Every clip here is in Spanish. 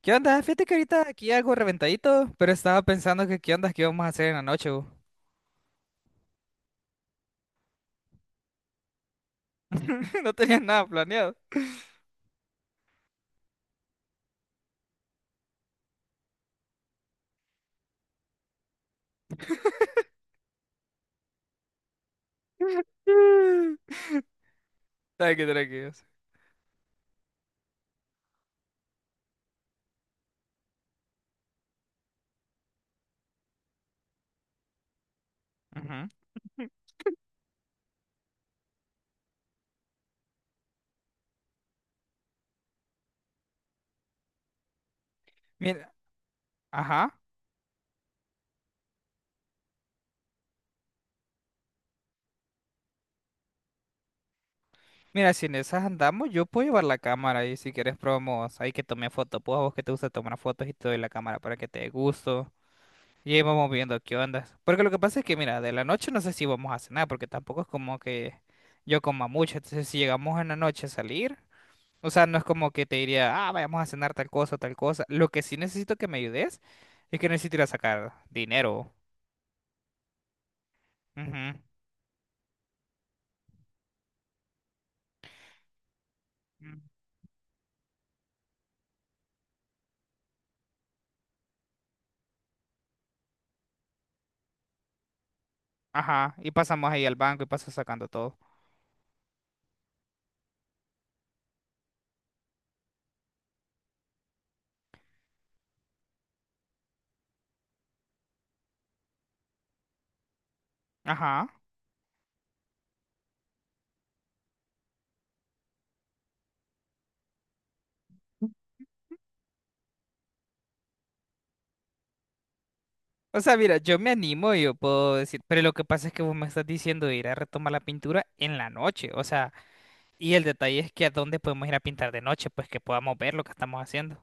¿Qué onda? Fíjate que ahorita aquí algo reventadito, pero estaba pensando que qué onda, qué vamos a hacer en la noche, bu. No tenía nada planeado. Mm. Tranqui, tranquilos. Ujú. Mira, ajá. Mira, si en esas andamos, yo puedo llevar la cámara y si quieres probamos ahí que tome fotos. Pues a vos que te gusta tomar fotos y te doy la cámara para que te dé gusto. Y ahí vamos viendo qué onda. Porque lo que pasa es que, mira, de la noche no sé si vamos a cenar, porque tampoco es como que yo coma mucho. Entonces, si llegamos en la noche a salir. O sea, no es como que te diría, ah, vayamos a cenar tal cosa, tal cosa. Lo que sí necesito que me ayudes es que necesito ir a sacar dinero. Ujú. Mm. Ajá. Y pasamos ahí al banco y paso sacando todo. Ajá. O sea, mira, yo me animo, yo puedo decir, pero lo que pasa es que vos me estás diciendo de ir a retomar la pintura en la noche. O sea, y el detalle es que a dónde podemos ir a pintar de noche, pues que podamos ver lo que estamos haciendo.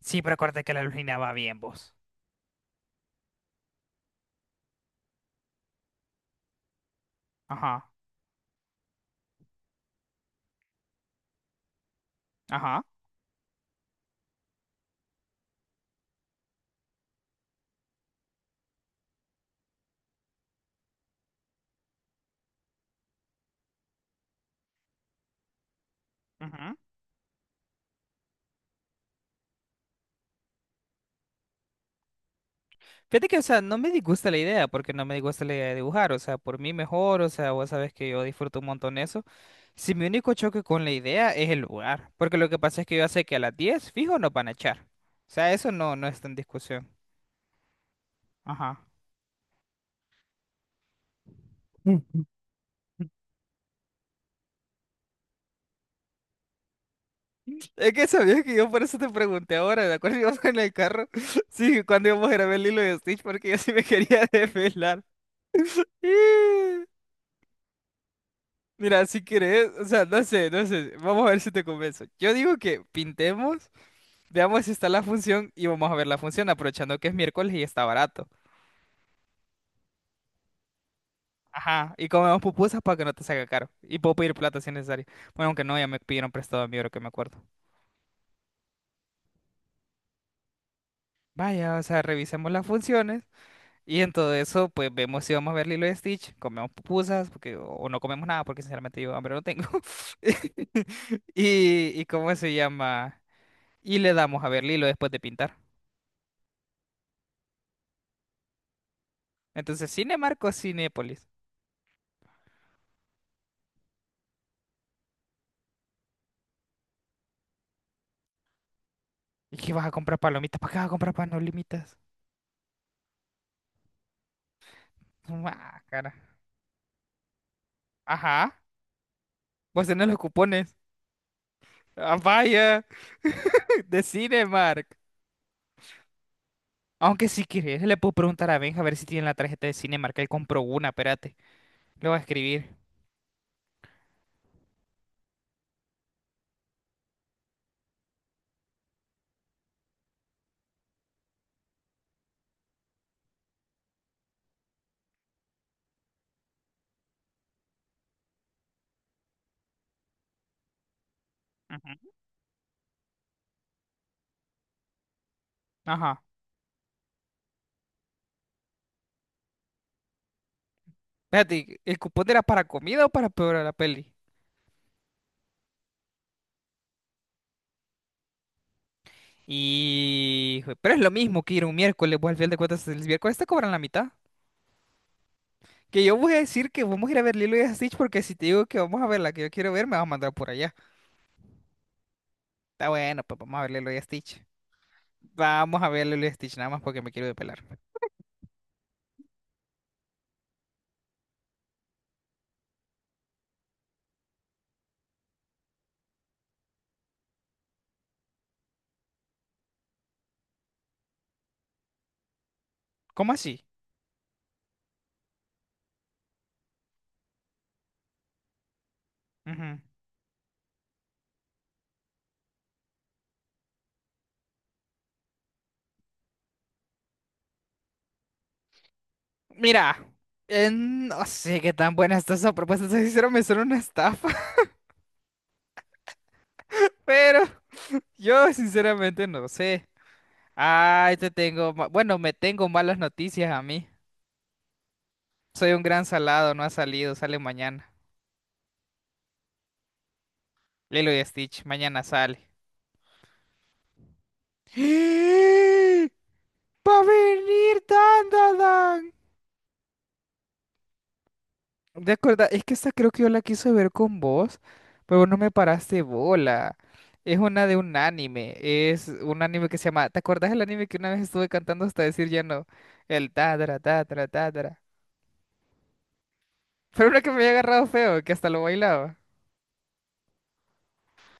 Sí, pero acuérdate que la luna va bien, vos. Ajá. Ajá. Ujú. Fíjate que, o sea, no me disgusta la idea, porque no me disgusta la idea de dibujar, o sea, por mí mejor, o sea, vos sabes que yo disfruto un montón eso. Si mi único choque con la idea es el lugar, porque lo que pasa es que yo sé que a las 10 fijo, nos van a echar. O sea, eso no, no está en discusión. Ajá. Es que sabías que yo por eso te pregunté ahora, ¿de acuerdo? Íbamos en el carro. Sí, cuando íbamos a grabar el hilo de Stitch, porque yo sí me quería desvelar. Mira, si querés, o sea, no sé, no sé, vamos a ver si te convenzo. Yo digo que pintemos, veamos si está la función y vamos a ver la función, aprovechando que es miércoles y está barato. Ajá, y comemos pupusas para que no te salga caro. Y puedo pedir plata si es necesario. Bueno, aunque no, ya me pidieron prestado a mí, ahora que me acuerdo. Vaya, o sea, revisemos las funciones y en todo eso, pues vemos si vamos a ver Lilo y Stitch, comemos pupusas, porque, o no comemos nada, porque sinceramente yo hambre no tengo. Y, y ¿cómo se llama? Y le damos a ver Lilo después de pintar. Entonces, Cinemark o Cinépolis. ¿Y qué vas a comprar palomitas? ¿Para qué vas a comprar palomitas? Ah, cara. Ajá. Vos tenés los cupones. Ah, vaya. De Cinemark. Aunque si quieres, le puedo preguntar a Benja a ver si tiene la tarjeta de Cinemark. Él compró una, espérate. Le voy a escribir. Ujú. Ajá. Espérate, ¿el cupón era para comida o para peor la peli? Y... Pero es lo mismo que ir un miércoles. Vos al final de cuentas, el miércoles te cobran la mitad. Que yo voy a decir que vamos a ir a ver Lilo y Stitch porque si te digo que vamos a ver la que yo quiero ver, me vas a mandar por allá. Está bueno, pues vamos a ver Lilo y Stitch. Vamos a ver Lilo y Stitch nada más porque me quiero depelar. ¿Cómo así? Ujú. Mira, no sé qué tan buena está esa propuesta. Si sincero, me suena una estafa, pero yo sinceramente no sé. Ay, bueno, me tengo malas noticias a mí. Soy un gran salado, no ha salido, sale mañana. Lilo y Stitch, mañana sale. ¡Ah! ¡Va a venir Dandadan! ¿De acuerdo? Es que esta creo que yo la quise ver con vos, pero vos no me paraste bola. Es una de un anime, es un anime que se llama... ¿Te acordás del anime que una vez estuve cantando hasta decir ya no? El tadra, tadra, tadra. Pero uno que me había agarrado feo, que hasta lo bailaba.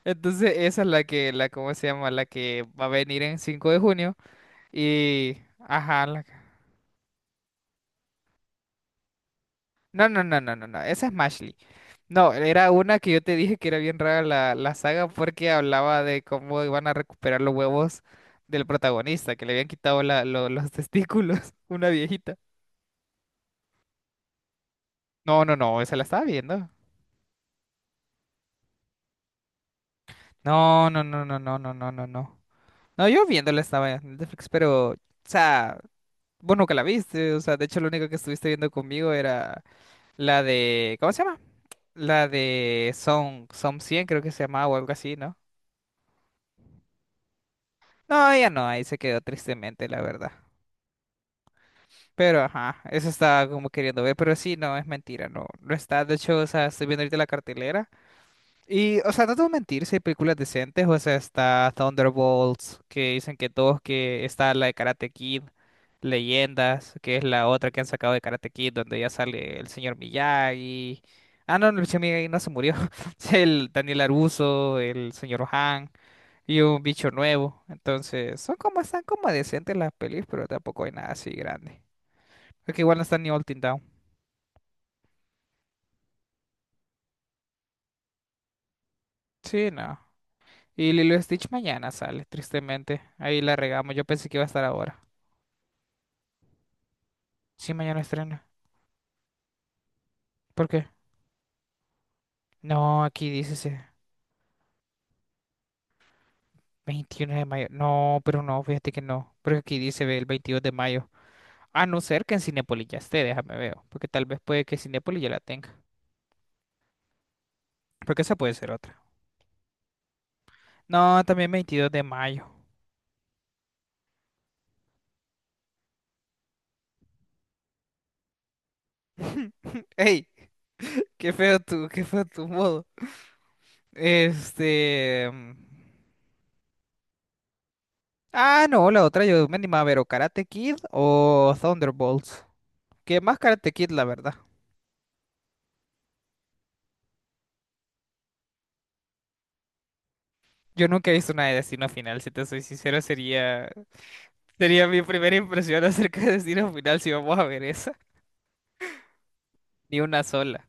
Entonces esa es la que, ¿cómo se llama? La que va a venir en 5 de junio. Y, ajá, la... No, no, no, no, no, no, esa es Mashley. No, era una que yo te dije que era bien rara la saga porque hablaba de cómo iban a recuperar los huevos del protagonista, que le habían quitado los testículos, una viejita. No, no, no, esa la estaba viendo. No, no, no, no, no, no, no, no, no. No, yo viéndola estaba en Netflix, pero, o sea, vos nunca la viste, o sea, de hecho lo único que estuviste viendo conmigo era... La de, ¿cómo se llama? La de Son, Son 100 creo que se llamaba o algo así, ¿no? No, ella no, ahí se quedó tristemente, la verdad. Pero ajá, eso estaba como queriendo ver, pero sí, no, es mentira, no, no está. De hecho, o sea, estoy viendo ahorita la cartelera. Y, o sea, no te voy a mentir, si hay películas decentes, o sea, está Thunderbolts, que dicen que todos, que está la de Karate Kid, Leyendas, que es la otra que han sacado de Karate Kid, donde ya sale el señor Miyagi. Ah, no, no, el señor Miyagi no se murió, el Daniel Aruso, el señor Han, y un bicho nuevo. Entonces, son como, están como decentes las pelis, pero tampoco hay nada así grande. Porque igual no está ni All Teen Down. Sí, no. Y Lilo y Stitch mañana sale, tristemente. Ahí la regamos, yo pensé que iba a estar ahora. Sí, mañana estrena. ¿Por qué? No, aquí dice ese 21 de mayo. No, pero no, fíjate que no. Porque aquí dice ve, el 22 de mayo. A no ser que en Cinépolis ya esté, déjame ver. Porque tal vez puede que Cinépolis ya la tenga. Porque esa puede ser otra. No, también 22 de mayo. ¡Ey! ¡Qué feo tu modo! Este... Ah, no, la otra yo me animaba a ver o Karate Kid o Thunderbolts. Que más Karate Kid, la verdad. Yo nunca he visto una de Destino Final, si te soy sincero, sería. Sería mi primera impresión acerca de Destino Final si vamos a ver esa. Ni una sola.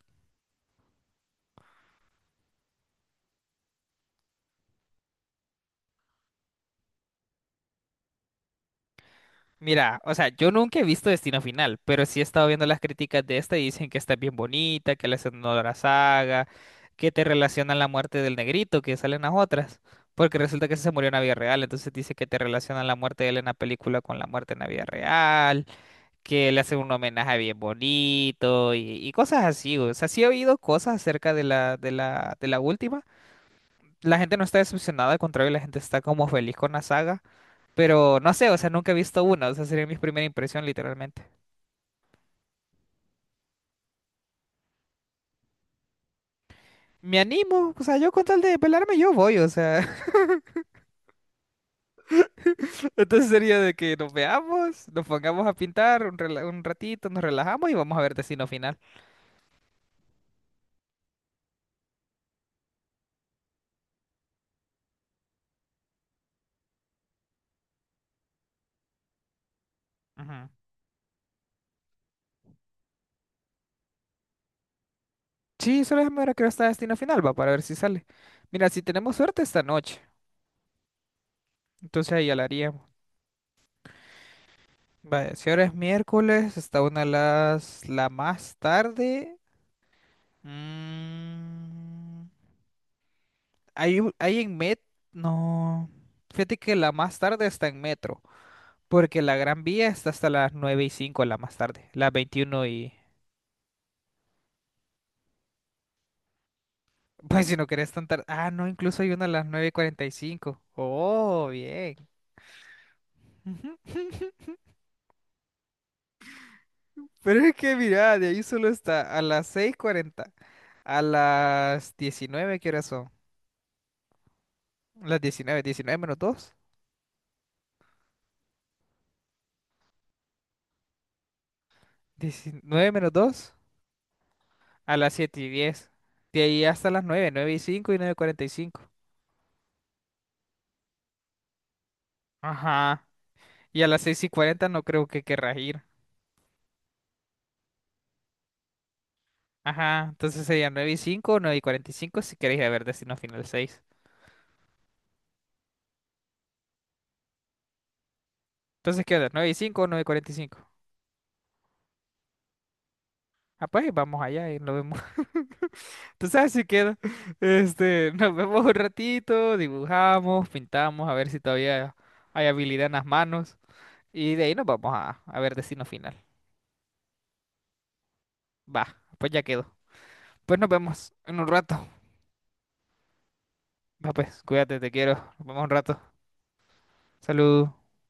Mira, o sea, yo nunca he visto Destino Final, pero sí he estado viendo las críticas de esta y dicen que está bien bonita, que le hacen honor a la saga, que te relacionan la muerte del negrito, que salen las otras. Porque resulta que ese se murió en la vida real, entonces dice que te relacionan la muerte de él en la película con la muerte en la vida real, que le hacen un homenaje bien bonito y cosas así. O sea, sí he oído cosas acerca de la última. La gente no está decepcionada, al contrario, la gente está como feliz con la saga. Pero no sé, o sea, nunca he visto una, o sea, sería mi primera impresión, literalmente. Me animo, o sea, yo con tal de pelarme, yo voy, o sea. Entonces sería de que nos veamos, nos pongamos a pintar un, un ratito, nos relajamos y vamos a ver Destino Final. Ujú. Sí, solo déjame ver a qué hora está Destino Final, va, para ver si sale. Mira, si tenemos suerte esta noche, entonces ahí ya la haríamos. Vale, si ahora es miércoles, está una de las... la más tarde. Mm, hay en Met, no. Fíjate que la más tarde está en Metro, porque la Gran Vía está hasta las 9 y 5 la más tarde, las 21 y... Pues si no querés tan tarde... Ah, no, incluso hay una a las 9 y cuarenta y cinco. Oh, bien. Ujú. Pero es que mira, de ahí solo está a las 6:40, a las 19. ¿Qué horas son? Las diecinueve, 19 menos dos, 19 menos dos. A las 7:10. De ahí hasta las nueve, 9 y 5 y 9:45. Ajá. Y a las 6 y 40 no creo que querrás ir. Ajá, entonces sería 9 y 5, 9:45 si queréis ir a ver Destino Final seis. Entonces, ¿qué onda? ¿9 y 5 o 9 y cinco? Ah, pues vamos allá y nos vemos. Entonces si queda. Este, nos vemos un ratito, dibujamos, pintamos, a ver si todavía hay habilidad en las manos. Y de ahí nos vamos a ver Destino Final. Va, pues ya quedó. Pues nos vemos en un rato. Va, pues, cuídate, te quiero. Nos vemos un rato. Salud.